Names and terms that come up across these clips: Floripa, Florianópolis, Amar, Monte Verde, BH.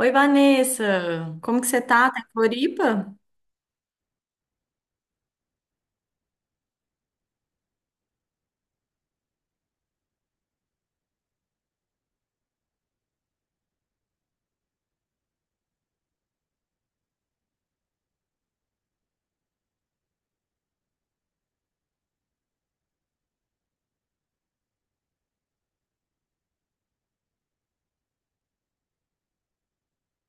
Oi, Vanessa, como que você tá? Tá em Floripa?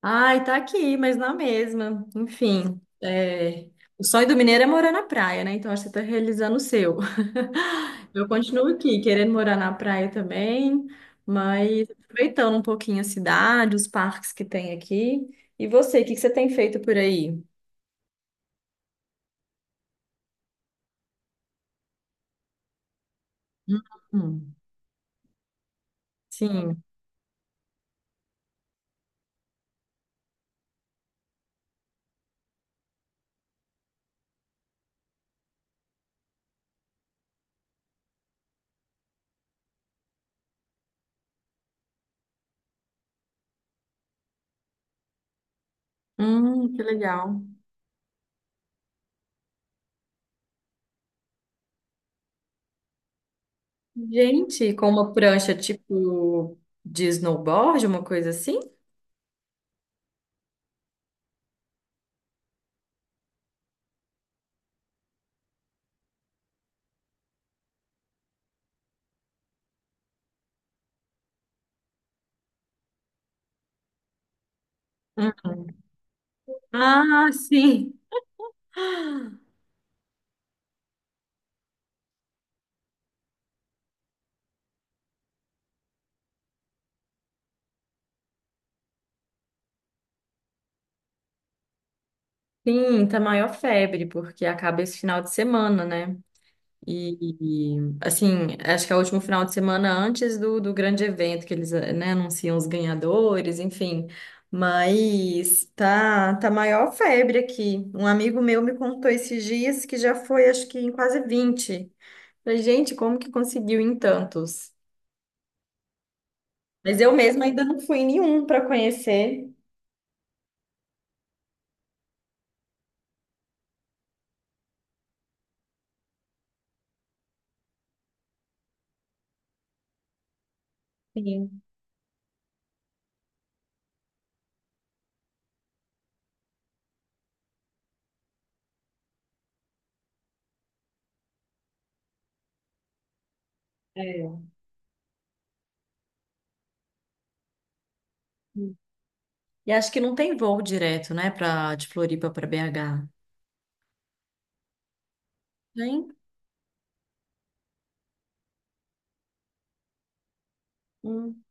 Ai, tá aqui, mas na mesma. Enfim, o sonho do mineiro é morar na praia, né? Então acho que você tá realizando o seu. Eu continuo aqui, querendo morar na praia também, mas aproveitando um pouquinho a cidade, os parques que tem aqui. E você, o que que você tem feito por aí? Hum, sim. Que legal. Gente, com uma prancha tipo de snowboard, uma coisa assim? Ah, sim. Sim, tá maior febre, porque acaba esse final de semana, né? E, assim, acho que é o último final de semana antes do, do grande evento, que eles, né, anunciam os ganhadores, enfim. Mas tá maior febre aqui. Um amigo meu me contou esses dias que já foi, acho que em quase 20. Falei, gente, como que conseguiu em tantos? Mas eu mesma ainda não fui em nenhum para conhecer. Sim. É. E acho que não tem voo direto, né, pra, de Floripa para BH. Tem? Hum.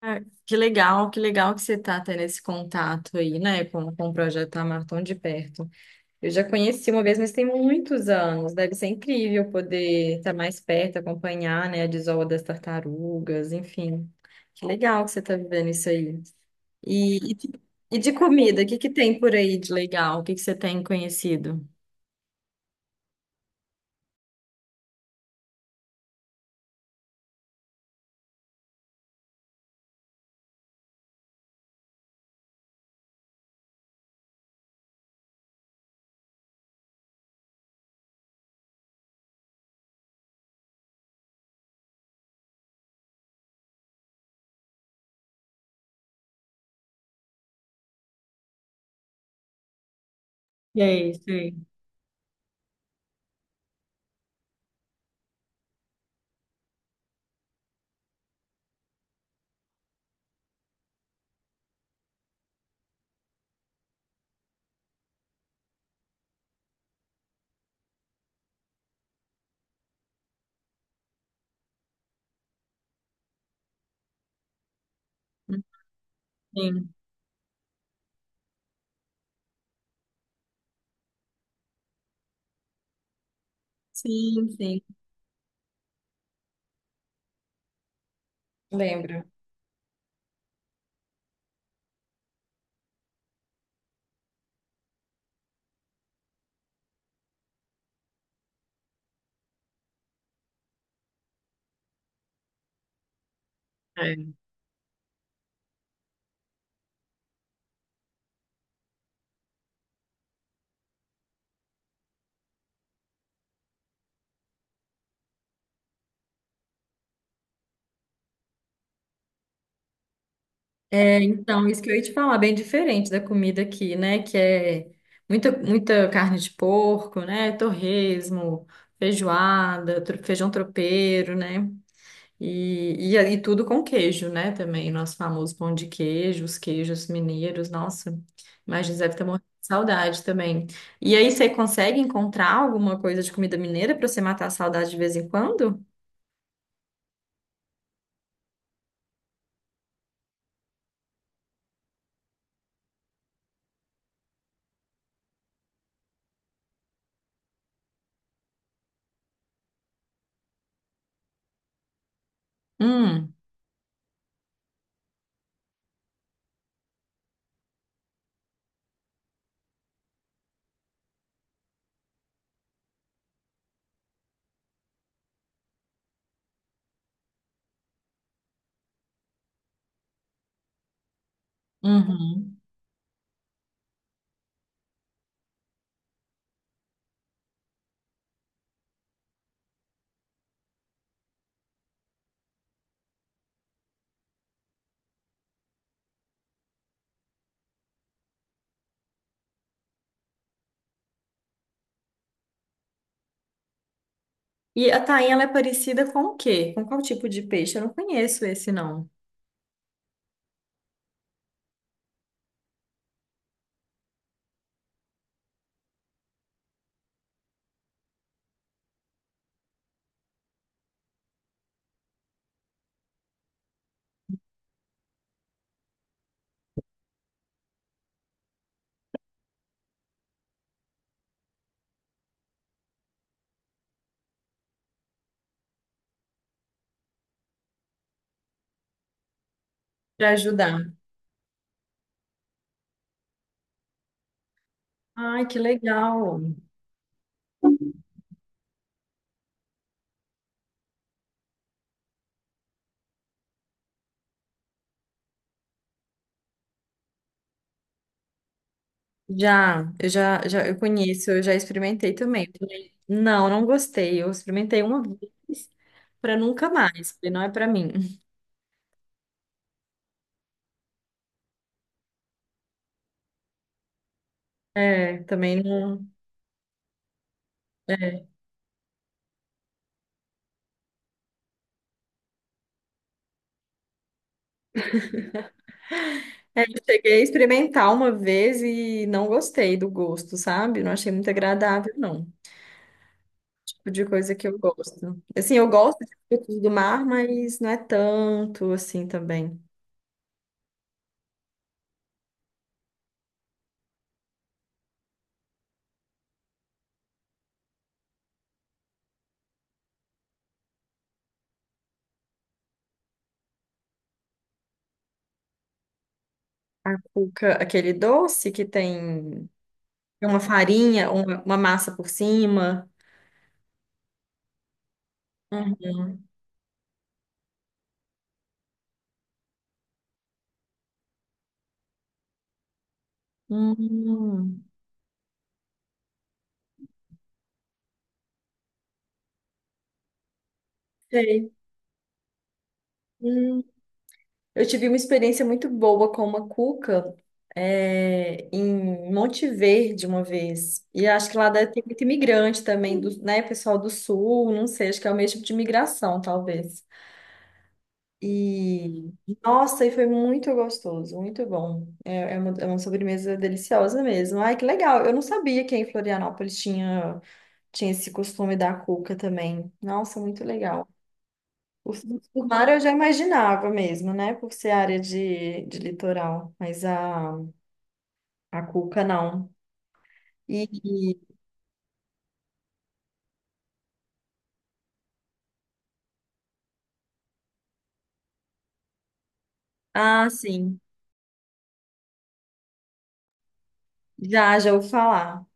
Ah, que legal, que legal que você tá tendo esse contato aí, né, com o projeto Amar tão de perto. Eu já conheci uma vez, mas tem muitos anos. Deve ser incrível poder estar mais perto, acompanhar, né, a desova das tartarugas, enfim. Que legal que você tá vivendo isso aí. E, e de e de comida, o que que tem por aí de legal? O que que você tem conhecido? Sei, sei. Sim, sim, sim. Lembro. É. É, então, isso que eu ia te falar, bem diferente da comida aqui, né? Que é muita carne de porco, né? Torresmo, feijoada, feijão tropeiro, né? E tudo com queijo, né? Também, nosso famoso pão de queijo, os queijos mineiros, nossa, imagina, deve ter morrendo de saudade também. E aí, você consegue encontrar alguma coisa de comida mineira para você matar a saudade de vez em quando? Hum, uhum. E a tainha, ela é parecida com o quê? Com qual tipo de peixe? Eu não conheço esse, não. Para ajudar. Ai, que legal. Já, eu já, eu conheço, eu já experimentei também. Falei, não, não gostei. Eu experimentei uma vez para nunca mais. Falei, não é para mim. É, também não. É. É, eu cheguei a experimentar uma vez e não gostei do gosto, sabe? Não achei muito agradável, não. Tipo de coisa que eu gosto. Assim, eu gosto de frutos do mar, mas não é tanto assim também. Cuca, aquele doce que tem uma farinha, uma massa por cima. Uhum. Hum, sei. Hum, eu tive uma experiência muito boa com uma cuca em Monte Verde uma vez. E acho que lá deve ter muito imigrante também, do, né, pessoal do sul, não sei, acho que é o mesmo tipo de imigração, talvez. E nossa, e foi muito gostoso, muito bom. É, é uma sobremesa deliciosa mesmo. Ai, que legal! Eu não sabia que em Florianópolis tinha. Tinha esse costume da cuca também. Nossa, muito legal. Por, por mar eu já imaginava mesmo, né? Por ser área de litoral. Mas a cuca não. E ah, sim. Já, já ouvi falar.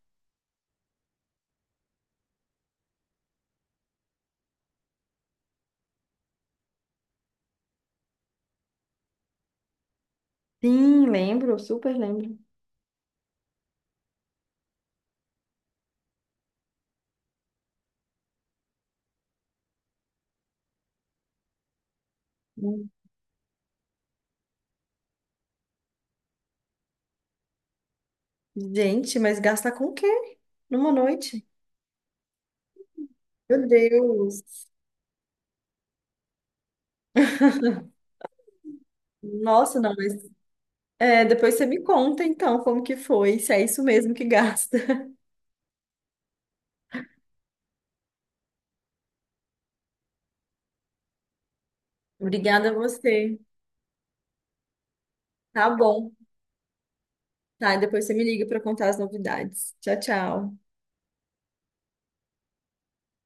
Sim, lembro, super lembro. Hum. Gente, mas gasta com o quê? Numa noite? Meu Deus. Nossa, não, mas é, depois você me conta então como que foi, se é isso mesmo que gasta. Obrigada a você. Tá bom. Tá, depois você me liga para contar as novidades. Tchau, tchau.